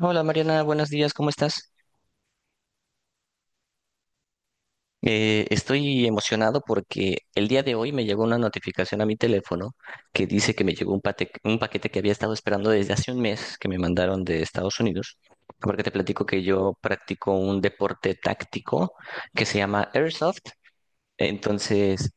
Hola Mariana, buenos días, ¿cómo estás? Estoy emocionado porque el día de hoy me llegó una notificación a mi teléfono que dice que me llegó un paquete que había estado esperando desde hace un mes que me mandaron de Estados Unidos, porque te platico que yo practico un deporte táctico que se llama Airsoft. Entonces,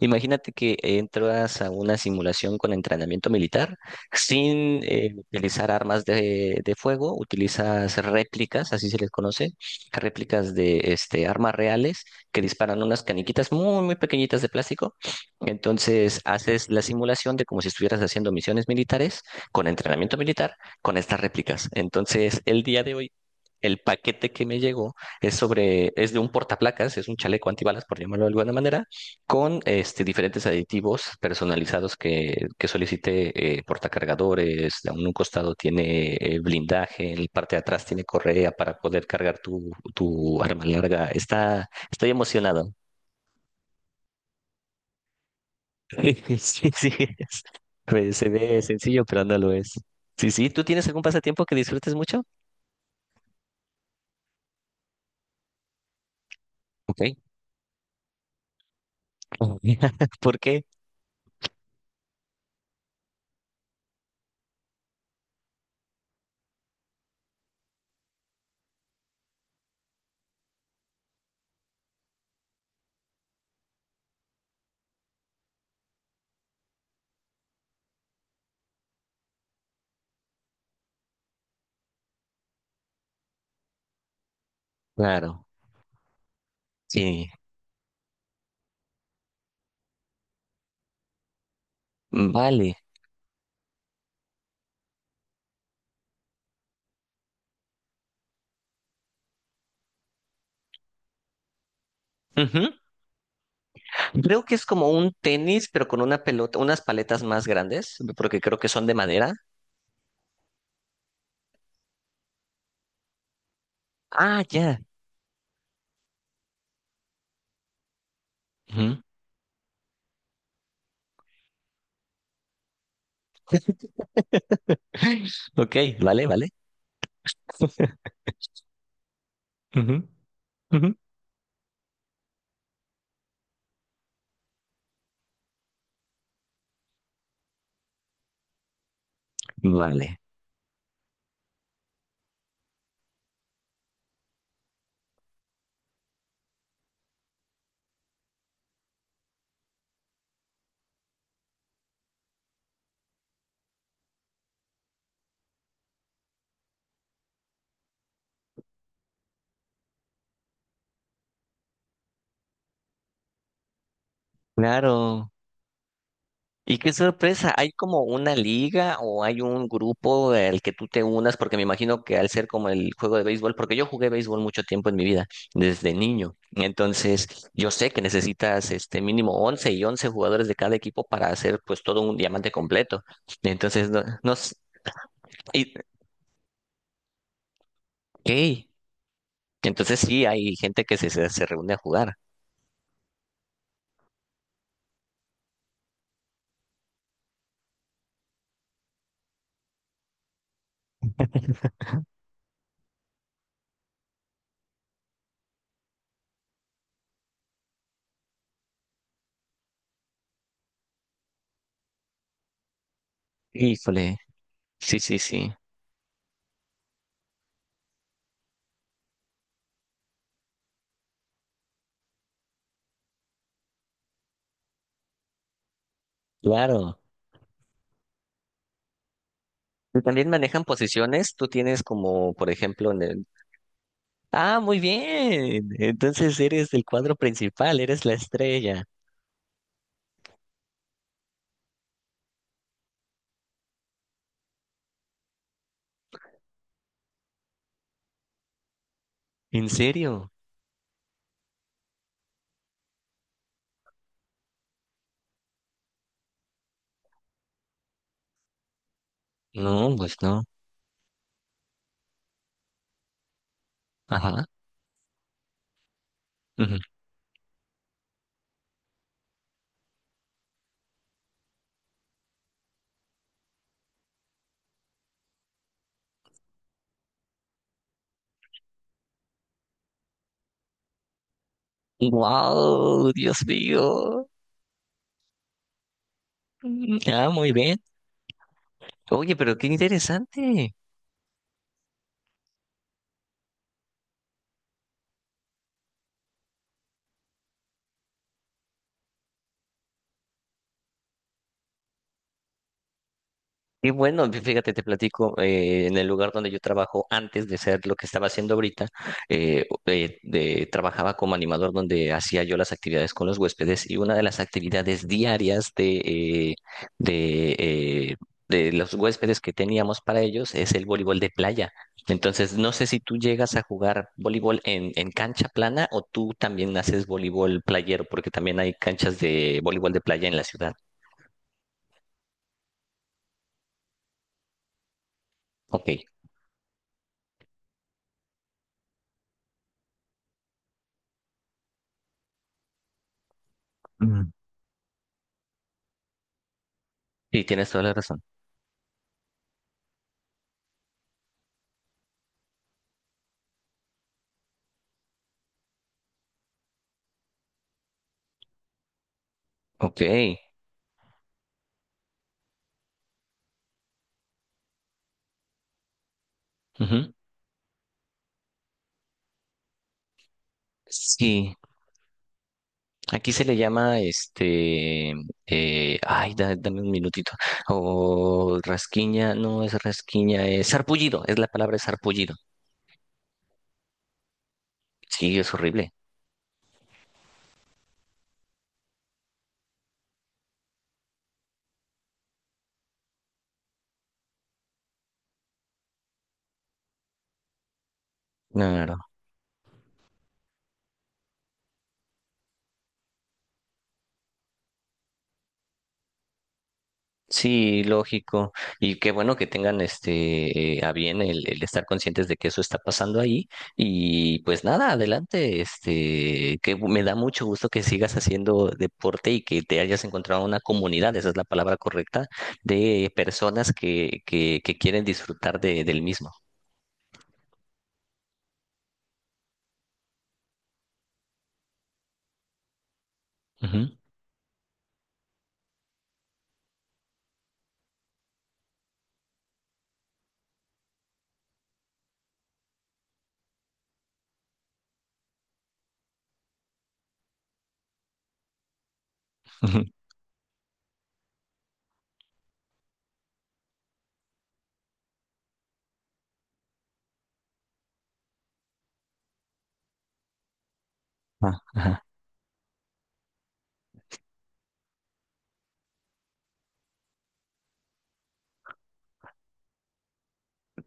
imagínate que entras a una simulación con entrenamiento militar sin utilizar armas de fuego, utilizas réplicas, así se les conoce, réplicas de este, armas reales que disparan unas caniquitas muy pequeñitas de plástico. Entonces haces la simulación de como si estuvieras haciendo misiones militares con entrenamiento militar con estas réplicas. Entonces el día de hoy... El paquete que me llegó es sobre, es de un portaplacas, es un chaleco antibalas, por llamarlo de alguna manera, con este, diferentes aditivos personalizados que solicite portacargadores. En un costado tiene blindaje, en la parte de atrás tiene correa para poder cargar tu arma larga. Estoy emocionado. Sí, sí, es- pues, se ve sencillo, pero no lo es. Sí, sí, ¿tú tienes algún pasatiempo que disfrutes mucho? Ok. ¿Por qué? Claro, sí, mm, vale. Creo que es como un tenis, pero con una pelota, unas paletas más grandes, porque creo que son de madera. Ah, ya. Ujú. Ok, vale, vale. Ujú, ujú. Vale. Claro. Y qué sorpresa, ¿hay como una liga o hay un grupo al que tú te unas? Porque me imagino que al ser como el juego de béisbol, porque yo jugué béisbol mucho tiempo en mi vida, desde niño. Entonces, yo sé que necesitas este mínimo 11 y 11 jugadores de cada equipo para hacer pues todo un diamante completo. Entonces, no sé. Ok. Entonces sí, hay gente que se reúne a jugar. Híjole. Sí, sí, sí. Claro. Y también manejan posiciones. Tú tienes como, por ejemplo, en el... Ah, muy bien. Entonces eres del cuadro principal, eres la estrella. ¿En serio? No, pues no. Ajá. Wow, Dios mío. Mm, ah, muy bien. Oye, pero qué interesante. Y bueno, fíjate, te platico, en el lugar donde yo trabajo antes de ser lo que estaba haciendo ahorita, trabajaba como animador donde hacía yo las actividades con los huéspedes y una de las actividades diarias de, eh, de los huéspedes que teníamos para ellos es el voleibol de playa. Entonces, no sé si tú llegas a jugar voleibol en cancha plana o tú también haces voleibol playero, porque también hay canchas de voleibol de playa en la ciudad. Ok, mm, sí, tienes toda la razón. Ok. Ujú. Sí, aquí se le llama este, dame un minutito, o rasquiña, no es rasquiña, es sarpullido, es la palabra es sarpullido. Sí, es horrible. No, no, no. Sí, lógico. Y qué bueno que tengan este a bien el estar conscientes de que eso está pasando ahí. Y pues nada, adelante. Este, que me da mucho gusto que sigas haciendo deporte y que te hayas encontrado una comunidad, esa es la palabra correcta, de personas que quieren disfrutar de, del mismo. Ujú. Ujú. Ah, ajá.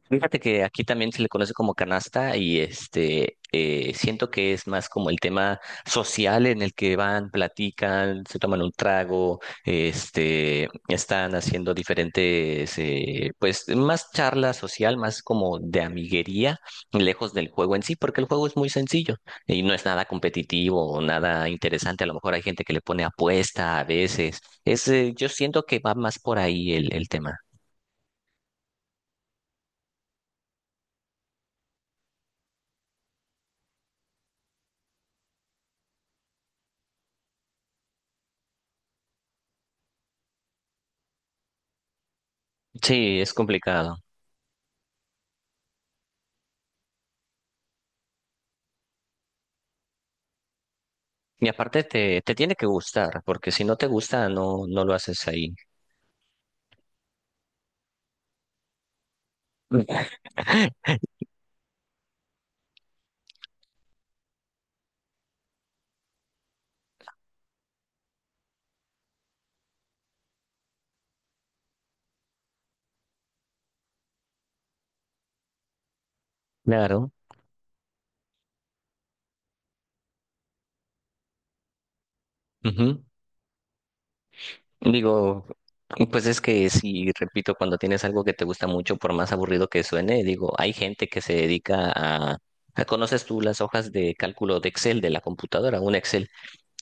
Fíjate que aquí también se le conoce como canasta y este siento que es más como el tema social en el que van, platican, se toman un trago, este están haciendo diferentes pues más charla social, más como de amiguería, lejos del juego en sí, porque el juego es muy sencillo y no es nada competitivo o nada interesante. A lo mejor hay gente que le pone apuesta a veces. Yo siento que va más por ahí el tema. Sí, es complicado. Y aparte te, te tiene que gustar, porque si no te gusta, no lo haces ahí. Claro. Ujú. Digo, pues es que sí, repito, cuando tienes algo que te gusta mucho, por más aburrido que suene, digo, hay gente que se dedica a... ¿Conoces tú las hojas de cálculo de Excel de la computadora? Un Excel.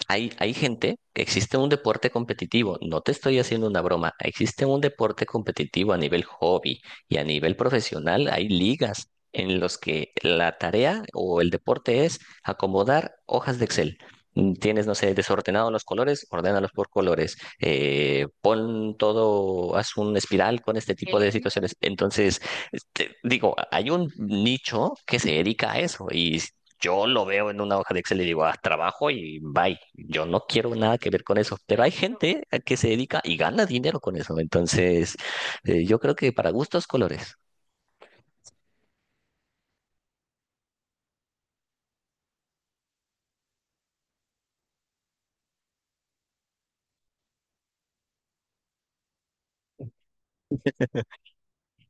Hay gente que existe un deporte competitivo, no te estoy haciendo una broma, existe un deporte competitivo a nivel hobby y a nivel profesional, hay ligas en los que la tarea o el deporte es acomodar hojas de Excel. Mm, tienes, no sé, desordenados los colores, ordénalos por colores. Pon todo, haz un espiral con este tipo de situaciones. Entonces, este, digo, hay un nicho que se dedica a eso y yo lo veo en una hoja de Excel y digo, haz trabajo y bye. Yo no quiero nada que ver con eso. Pero hay gente a que se dedica y gana dinero con eso. Entonces, yo creo que para gustos, colores.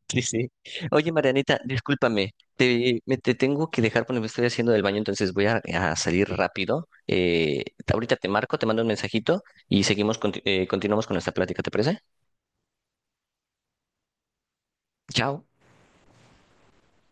Sí, sí. Oye, Marianita, discúlpame. Te tengo que dejar porque me estoy haciendo del baño, entonces voy a salir rápido. Ahorita te marco, te mando un mensajito y seguimos, continuamos con nuestra plática, ¿te parece? Chao.